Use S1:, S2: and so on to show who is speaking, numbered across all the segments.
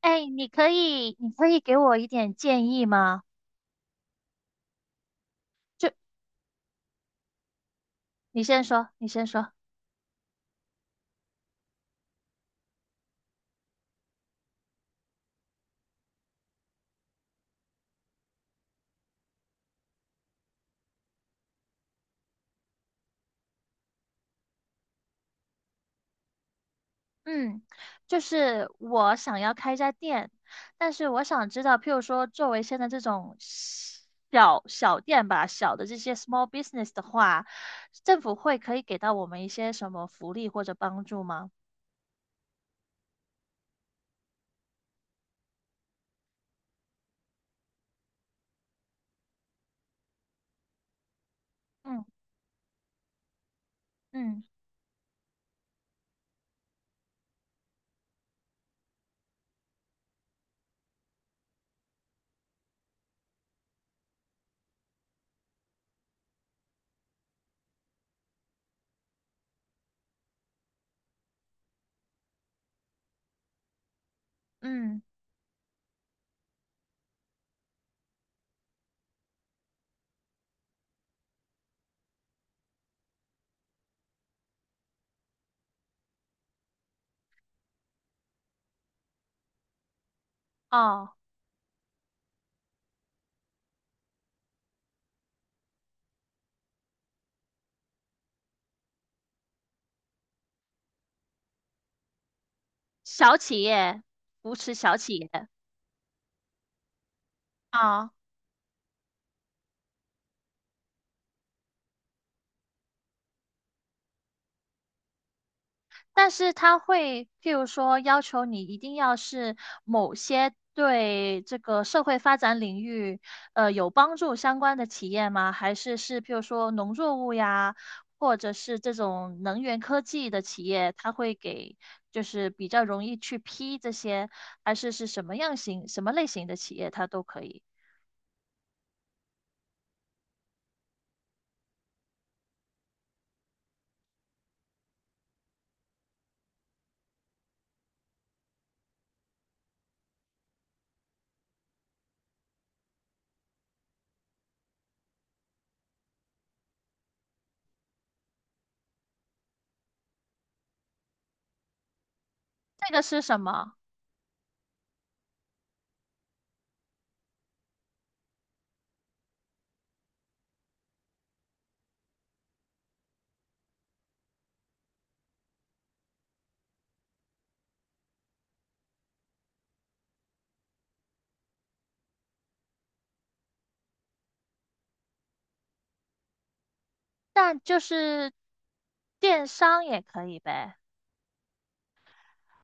S1: 哎，你可以给我一点建议吗？就你先说，你先说。嗯，就是我想要开一家店，但是我想知道，譬如说，作为现在这种小小店吧，小的这些 small business 的话，政府会可以给到我们一些什么福利或者帮助吗？嗯嗯嗯，哦，小企业，扶持小企业。但是他会，譬如说要求你一定要是某些对这个社会发展领域，有帮助相关的企业吗？还是譬如说农作物呀，或者是这种能源科技的企业，他会给就是比较容易去批这些，还是什么类型的企业，它都可以。这个是什么？但就是电商也可以呗。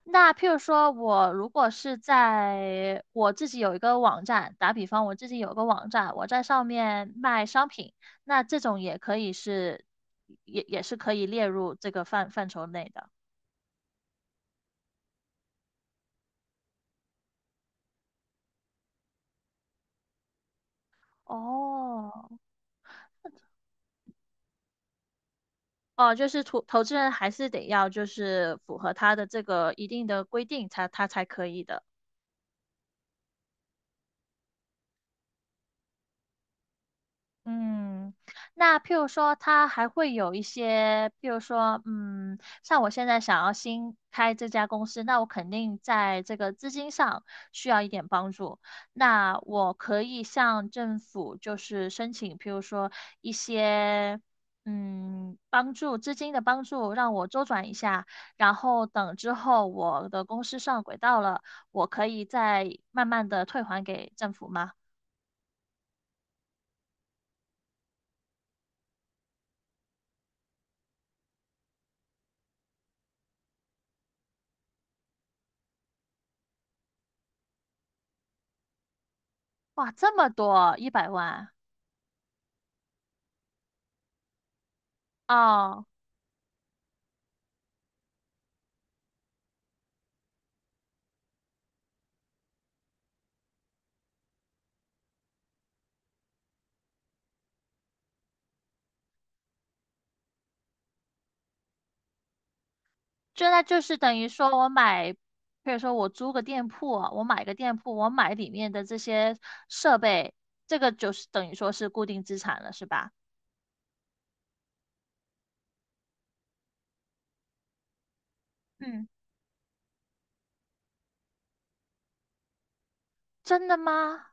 S1: 那譬如说，我如果是在我自己有一个网站，打比方，我自己有个网站，我在上面卖商品，那这种也可以是，也是可以列入这个范畴内的。哦，哦，就是投资人还是得要就是符合他的这个一定的规定才他才可以的。嗯，那譬如说，它还会有一些，譬如说，像我现在想要新开这家公司，那我肯定在这个资金上需要一点帮助。那我可以向政府就是申请，譬如说一些，帮助资金的帮助，让我周转一下，然后等之后我的公司上轨道了，我可以再慢慢的退还给政府吗？哇，这么多，100万。哦，那就是等于说我买，比如说我租个店铺啊我买个店铺，我买里面的这些设备，这个就是等于说是固定资产了，是吧？嗯，真的吗？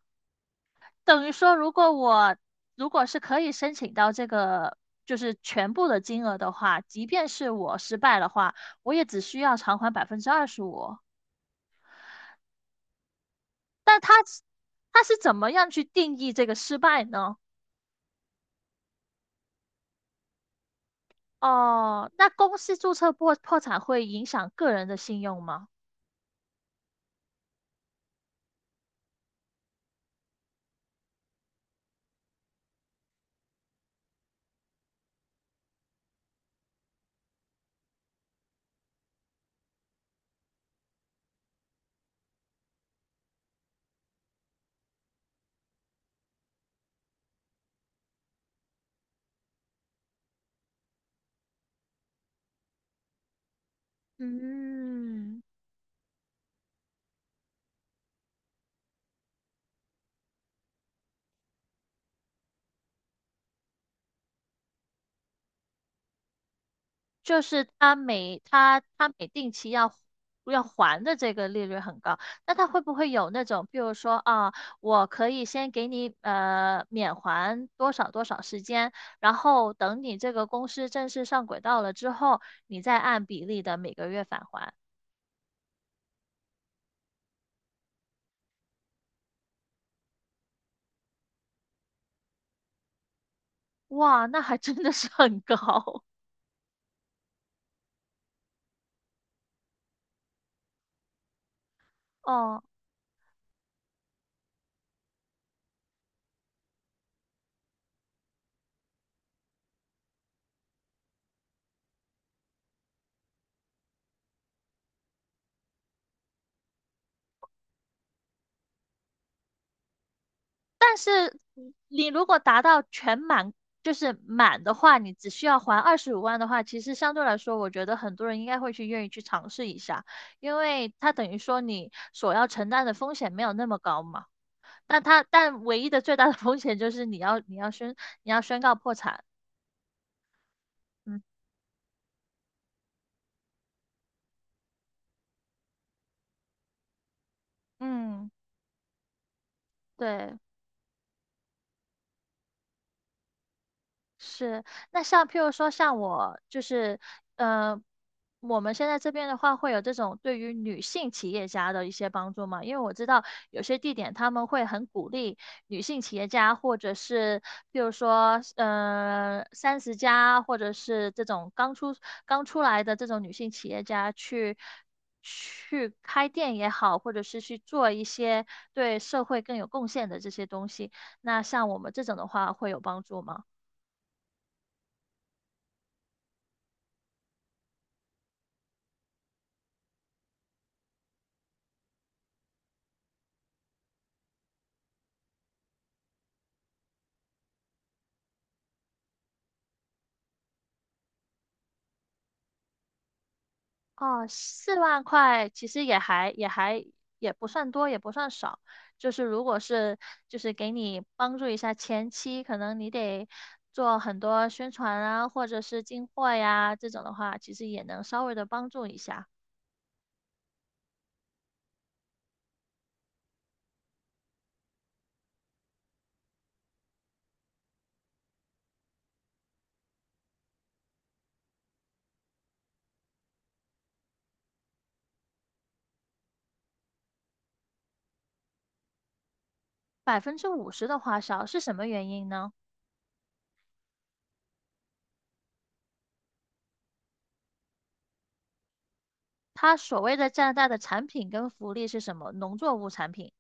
S1: 等于说如果是可以申请到这个就是全部的金额的话，即便是我失败的话，我也只需要偿还25%。但他是怎么样去定义这个失败呢？哦，那公司注册破产会影响个人的信用吗？嗯，就是他每定期要还的这个利率很高，那他会不会有那种，比如说啊，我可以先给你免还多少多少时间，然后等你这个公司正式上轨道了之后，你再按比例的每个月返还。哇，那还真的是很高 哦。你如果达到全满，就是满的话，你只需要还25万的话，其实相对来说，我觉得很多人应该会去愿意去尝试一下，因为它等于说你所要承担的风险没有那么高嘛。但唯一的最大的风险就是你要宣告破产。嗯，嗯，对。是，那像譬如说，像我就是，呃，我们现在这边的话，会有这种对于女性企业家的一些帮助吗？因为我知道有些地点他们会很鼓励女性企业家，或者是譬如说，30+，或者是这种刚出来的这种女性企业家去开店也好，或者是去做一些对社会更有贡献的这些东西。那像我们这种的话，会有帮助吗？哦，4万块其实也不算多，也不算少。就是如果是就是给你帮助一下前期，可能你得做很多宣传啊，或者是进货呀这种的话，其实也能稍微的帮助一下。50%的花销是什么原因呢？它所谓的加拿大的产品跟福利是什么？农作物产品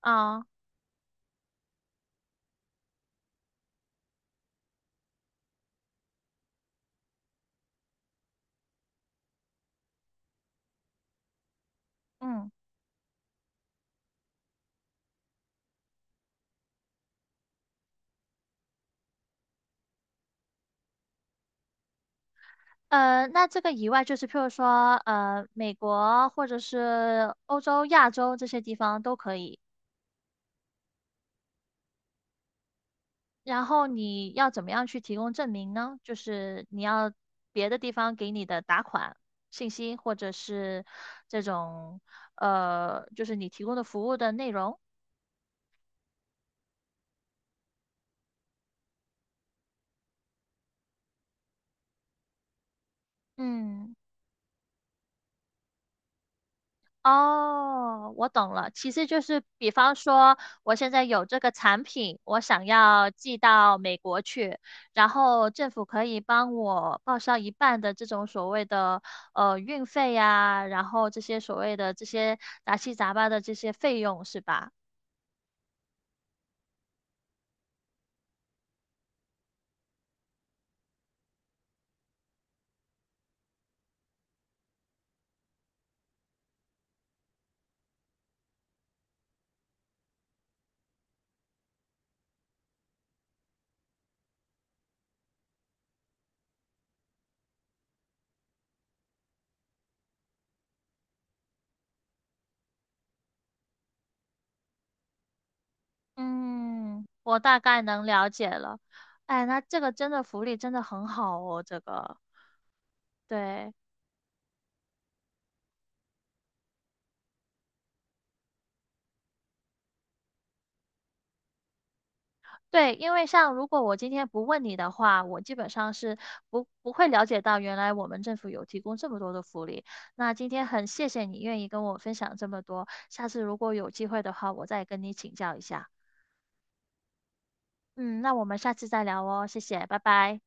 S1: 啊，嗯。那这个以外，就是譬如说，美国或者是欧洲、亚洲这些地方都可以。然后你要怎么样去提供证明呢？就是你要别的地方给你的打款信息，或者是这种就是你提供的服务的内容。嗯。哦，我懂了。其实就是，比方说，我现在有这个产品，我想要寄到美国去，然后政府可以帮我报销一半的这种所谓的运费呀，然后这些所谓的这些杂七杂八的这些费用，是吧？嗯，我大概能了解了。哎，那这个真的福利真的很好哦，这个，对。对，因为像如果我今天不问你的话，我基本上是不会了解到原来我们政府有提供这么多的福利。那今天很谢谢你愿意跟我分享这么多，下次如果有机会的话，我再跟你请教一下。嗯，那我们下次再聊哦，谢谢，拜拜。